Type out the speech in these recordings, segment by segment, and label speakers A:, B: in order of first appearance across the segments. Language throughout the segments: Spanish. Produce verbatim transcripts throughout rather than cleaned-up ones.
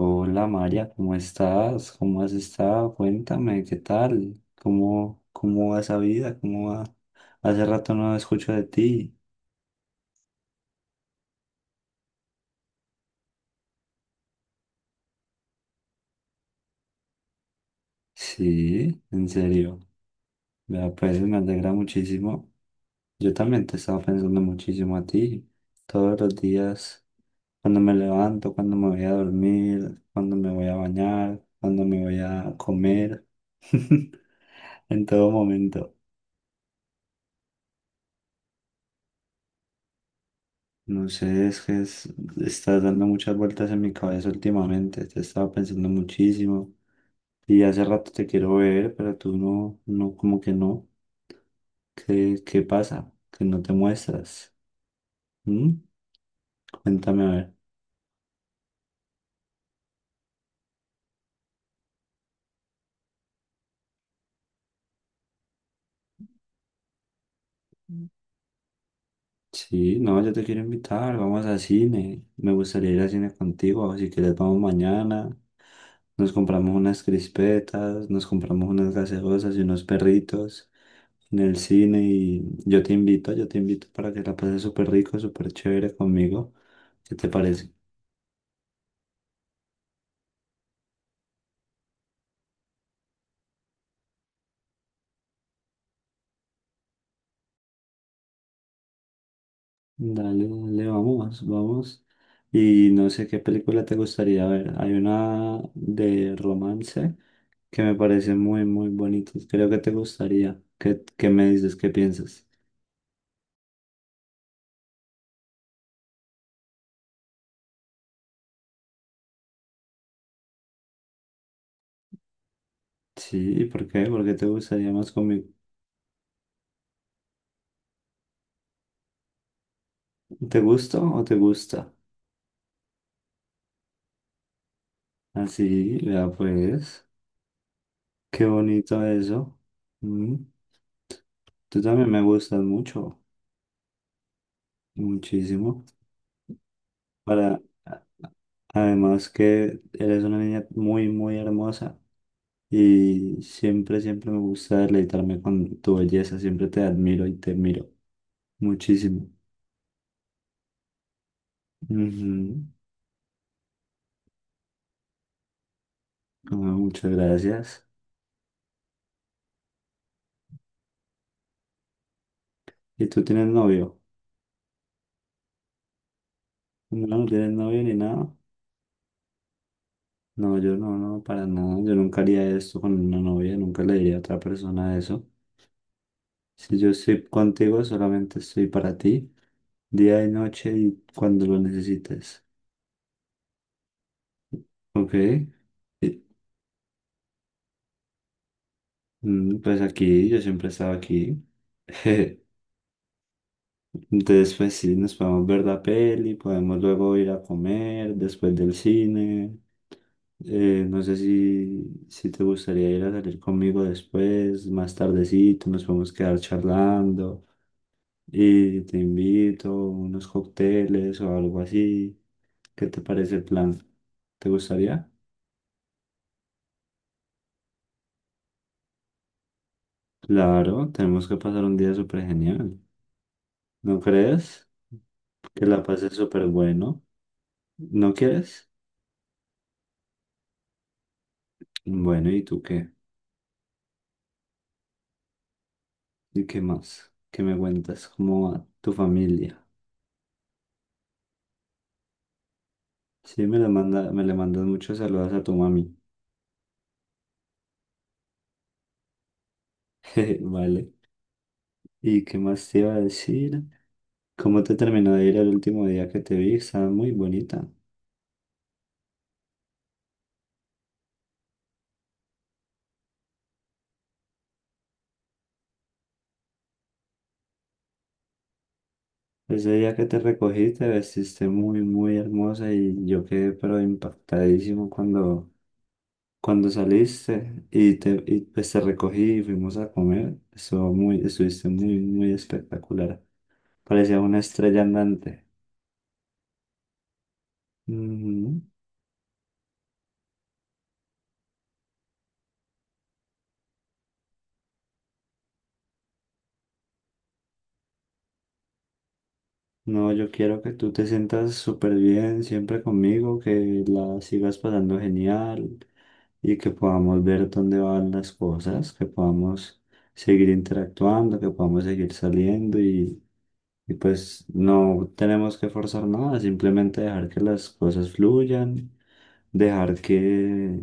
A: Hola María, ¿cómo estás? ¿Cómo has estado? Cuéntame, ¿qué tal? ¿Cómo, cómo va esa vida? ¿Cómo va? Hace rato no escucho de ti. Sí, en serio. Vea, pues me alegra muchísimo. Yo también te estaba pensando muchísimo a ti. Todos los días, cuando me levanto, cuando me voy a dormir, cuando me voy a bañar, cuando me voy a comer, en todo momento. No sé, es que es- estás dando muchas vueltas en mi cabeza últimamente, te he estado pensando muchísimo y hace rato te quiero ver, pero tú no, no, como que no. ¿Qué, qué pasa? Que no te muestras. ¿Mm? Cuéntame a ver. Sí, no, yo te quiero invitar, vamos a cine. Me gustaría ir a cine contigo, si quieres vamos mañana. Nos compramos unas crispetas, nos compramos unas gaseosas y unos perritos en el cine y yo te invito, yo te invito para que la pases súper rico, súper chévere conmigo. ¿Qué te parece? Dale, dale, vamos, vamos. Y no sé qué película te gustaría ver. Hay una de romance que me parece muy, muy bonita. Creo que te gustaría. ¿Qué, qué me dices? ¿Qué piensas? Sí, ¿por qué? ¿Por qué te gustaría más conmigo? ¿Te gusto o te gusta? Así, vea pues. Qué bonito eso. Mm, tú también me gustas mucho. Muchísimo. Para, a- Además que eres una niña muy, muy hermosa y siempre, siempre me gusta deleitarme con tu belleza, siempre te admiro y te miro muchísimo. Ujú. Ah, muchas gracias. ¿Y tú tienes novio? No, no tienes novio ni nada. No, yo no, no, para nada. Yo nunca haría esto con una novia, nunca le diría a otra persona eso. Si yo estoy contigo, solamente estoy para ti, día y noche y cuando lo necesites. ¿Ok? Mm, Pues aquí, yo siempre he estado aquí. Entonces, pues sí, nos podemos ver la peli, podemos luego ir a comer después del cine. Eh, no sé si, si te gustaría ir a salir conmigo después, más tardecito, nos podemos quedar charlando y te invito unos cócteles o algo así. ¿Qué te parece el plan? ¿Te gustaría? Claro, tenemos que pasar un día súper genial. ¿No crees? Que la pases súper bueno. ¿No quieres? Bueno, ¿y tú qué? ¿Y qué más? ¿Qué me cuentas? ¿Cómo va tu familia? Sí, me la manda, me le mandas muchos saludos a tu mami. Jeje, vale. ¿Y qué más te iba a decir? ¿Cómo te terminó de ir el último día que te vi? Estabas muy bonita. Ese día que te recogí te vestiste muy, muy hermosa y yo quedé pero impactadísimo cuando, cuando saliste y te, y, pues te recogí y fuimos a comer. Estuvo muy, estuviste muy, muy espectacular. Parecía una estrella andante. Ujú. No, yo quiero que tú te sientas súper bien siempre conmigo, que la sigas pasando genial y que podamos ver dónde van las cosas, que podamos seguir interactuando, que podamos seguir saliendo y, y pues no tenemos que forzar nada, simplemente dejar que las cosas fluyan, dejar que,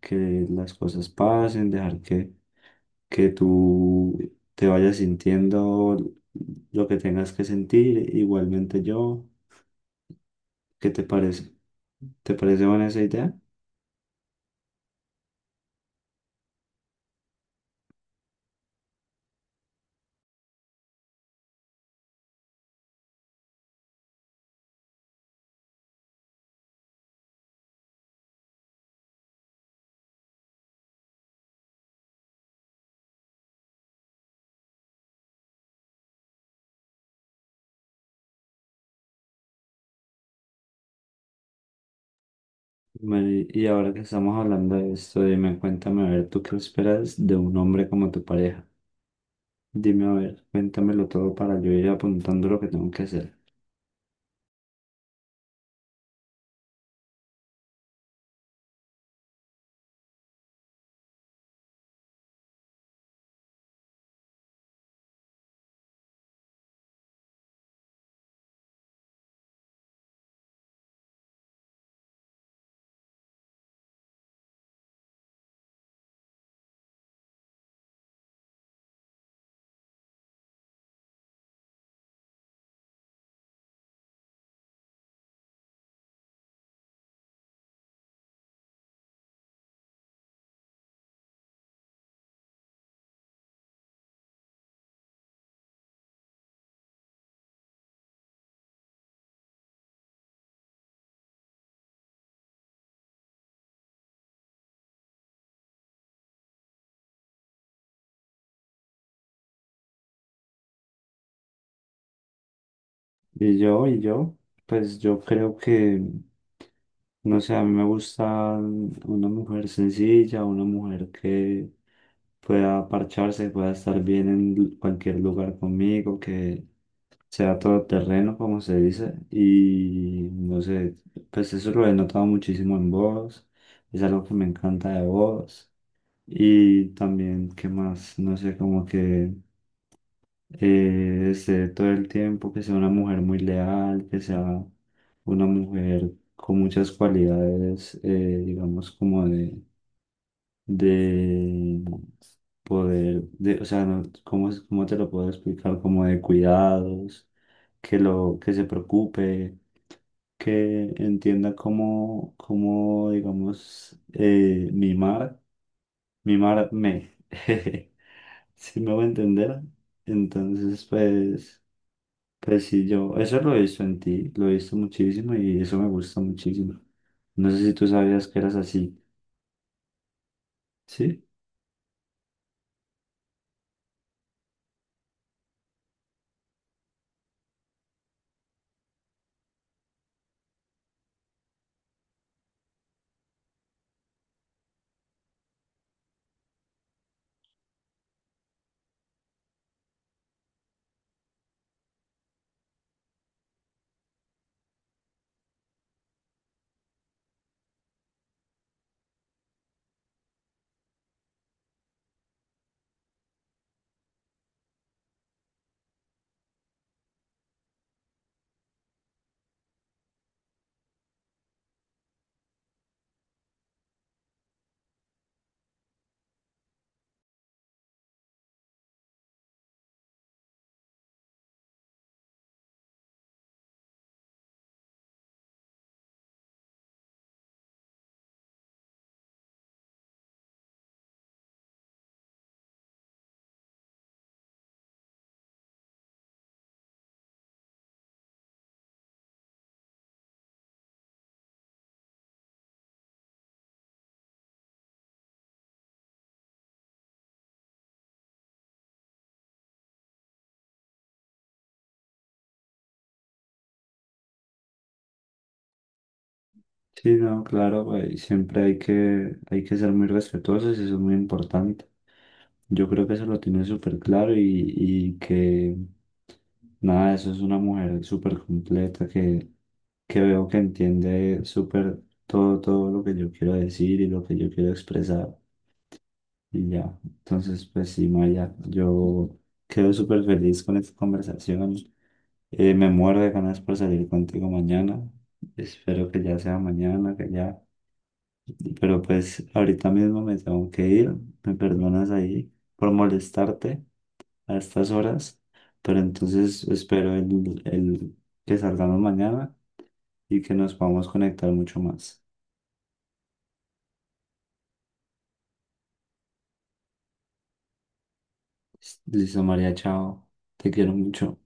A: que las cosas pasen, dejar que que tú te vayas sintiendo lo que tengas que sentir, igualmente yo. ¿Qué te parece? ¿Te parece buena esa idea? Mari- Y ahora que estamos hablando de esto, dime, cuéntame, a ver, ¿tú qué esperas de un hombre como tu pareja? Dime, a ver, cuéntamelo todo para yo ir apuntando lo que tengo que hacer. Y yo, y yo, pues yo creo que, no sé, a mí me gusta una mujer sencilla, una mujer que pueda parcharse, pueda estar bien en cualquier lugar conmigo, que sea todoterreno, como se dice. Y no sé, pues eso lo he notado muchísimo en vos, es algo que me encanta de vos. Y también, ¿qué más? No sé, como que eh, esté todo el tiempo, que sea una mujer muy leal, que sea una mujer con muchas cualidades, eh, digamos, como de de poder, de, o sea, no, ¿cómo, es- cómo te lo puedo explicar? Como de cuidados, que lo, que se preocupe, que entienda cómo, cómo, digamos, eh, mimar, mimarme. Si me voy a entender, entonces pues, pues sí, yo, eso lo he visto en ti, lo he visto muchísimo y eso me gusta muchísimo. No sé si tú sabías que eras así, ¿sí? Sí, no, claro, güey, siempre hay que, hay que ser muy respetuosos eso es muy importante. Yo creo que eso lo tiene súper claro y, y que nada, eso es una mujer súper completa que, que veo que entiende súper todo, todo lo que yo quiero decir y lo que yo quiero expresar y ya. Entonces, pues sí, Maya, yo quedo súper feliz con esta conversación. Eh, me muero de ganas por salir contigo mañana. Espero que ya sea mañana, que ya pero pues ahorita mismo me tengo que ir, me perdonas ahí por molestarte a estas horas, pero entonces espero el, el que salgamos mañana y que nos podamos conectar mucho más. Listo, María, chao, te quiero mucho.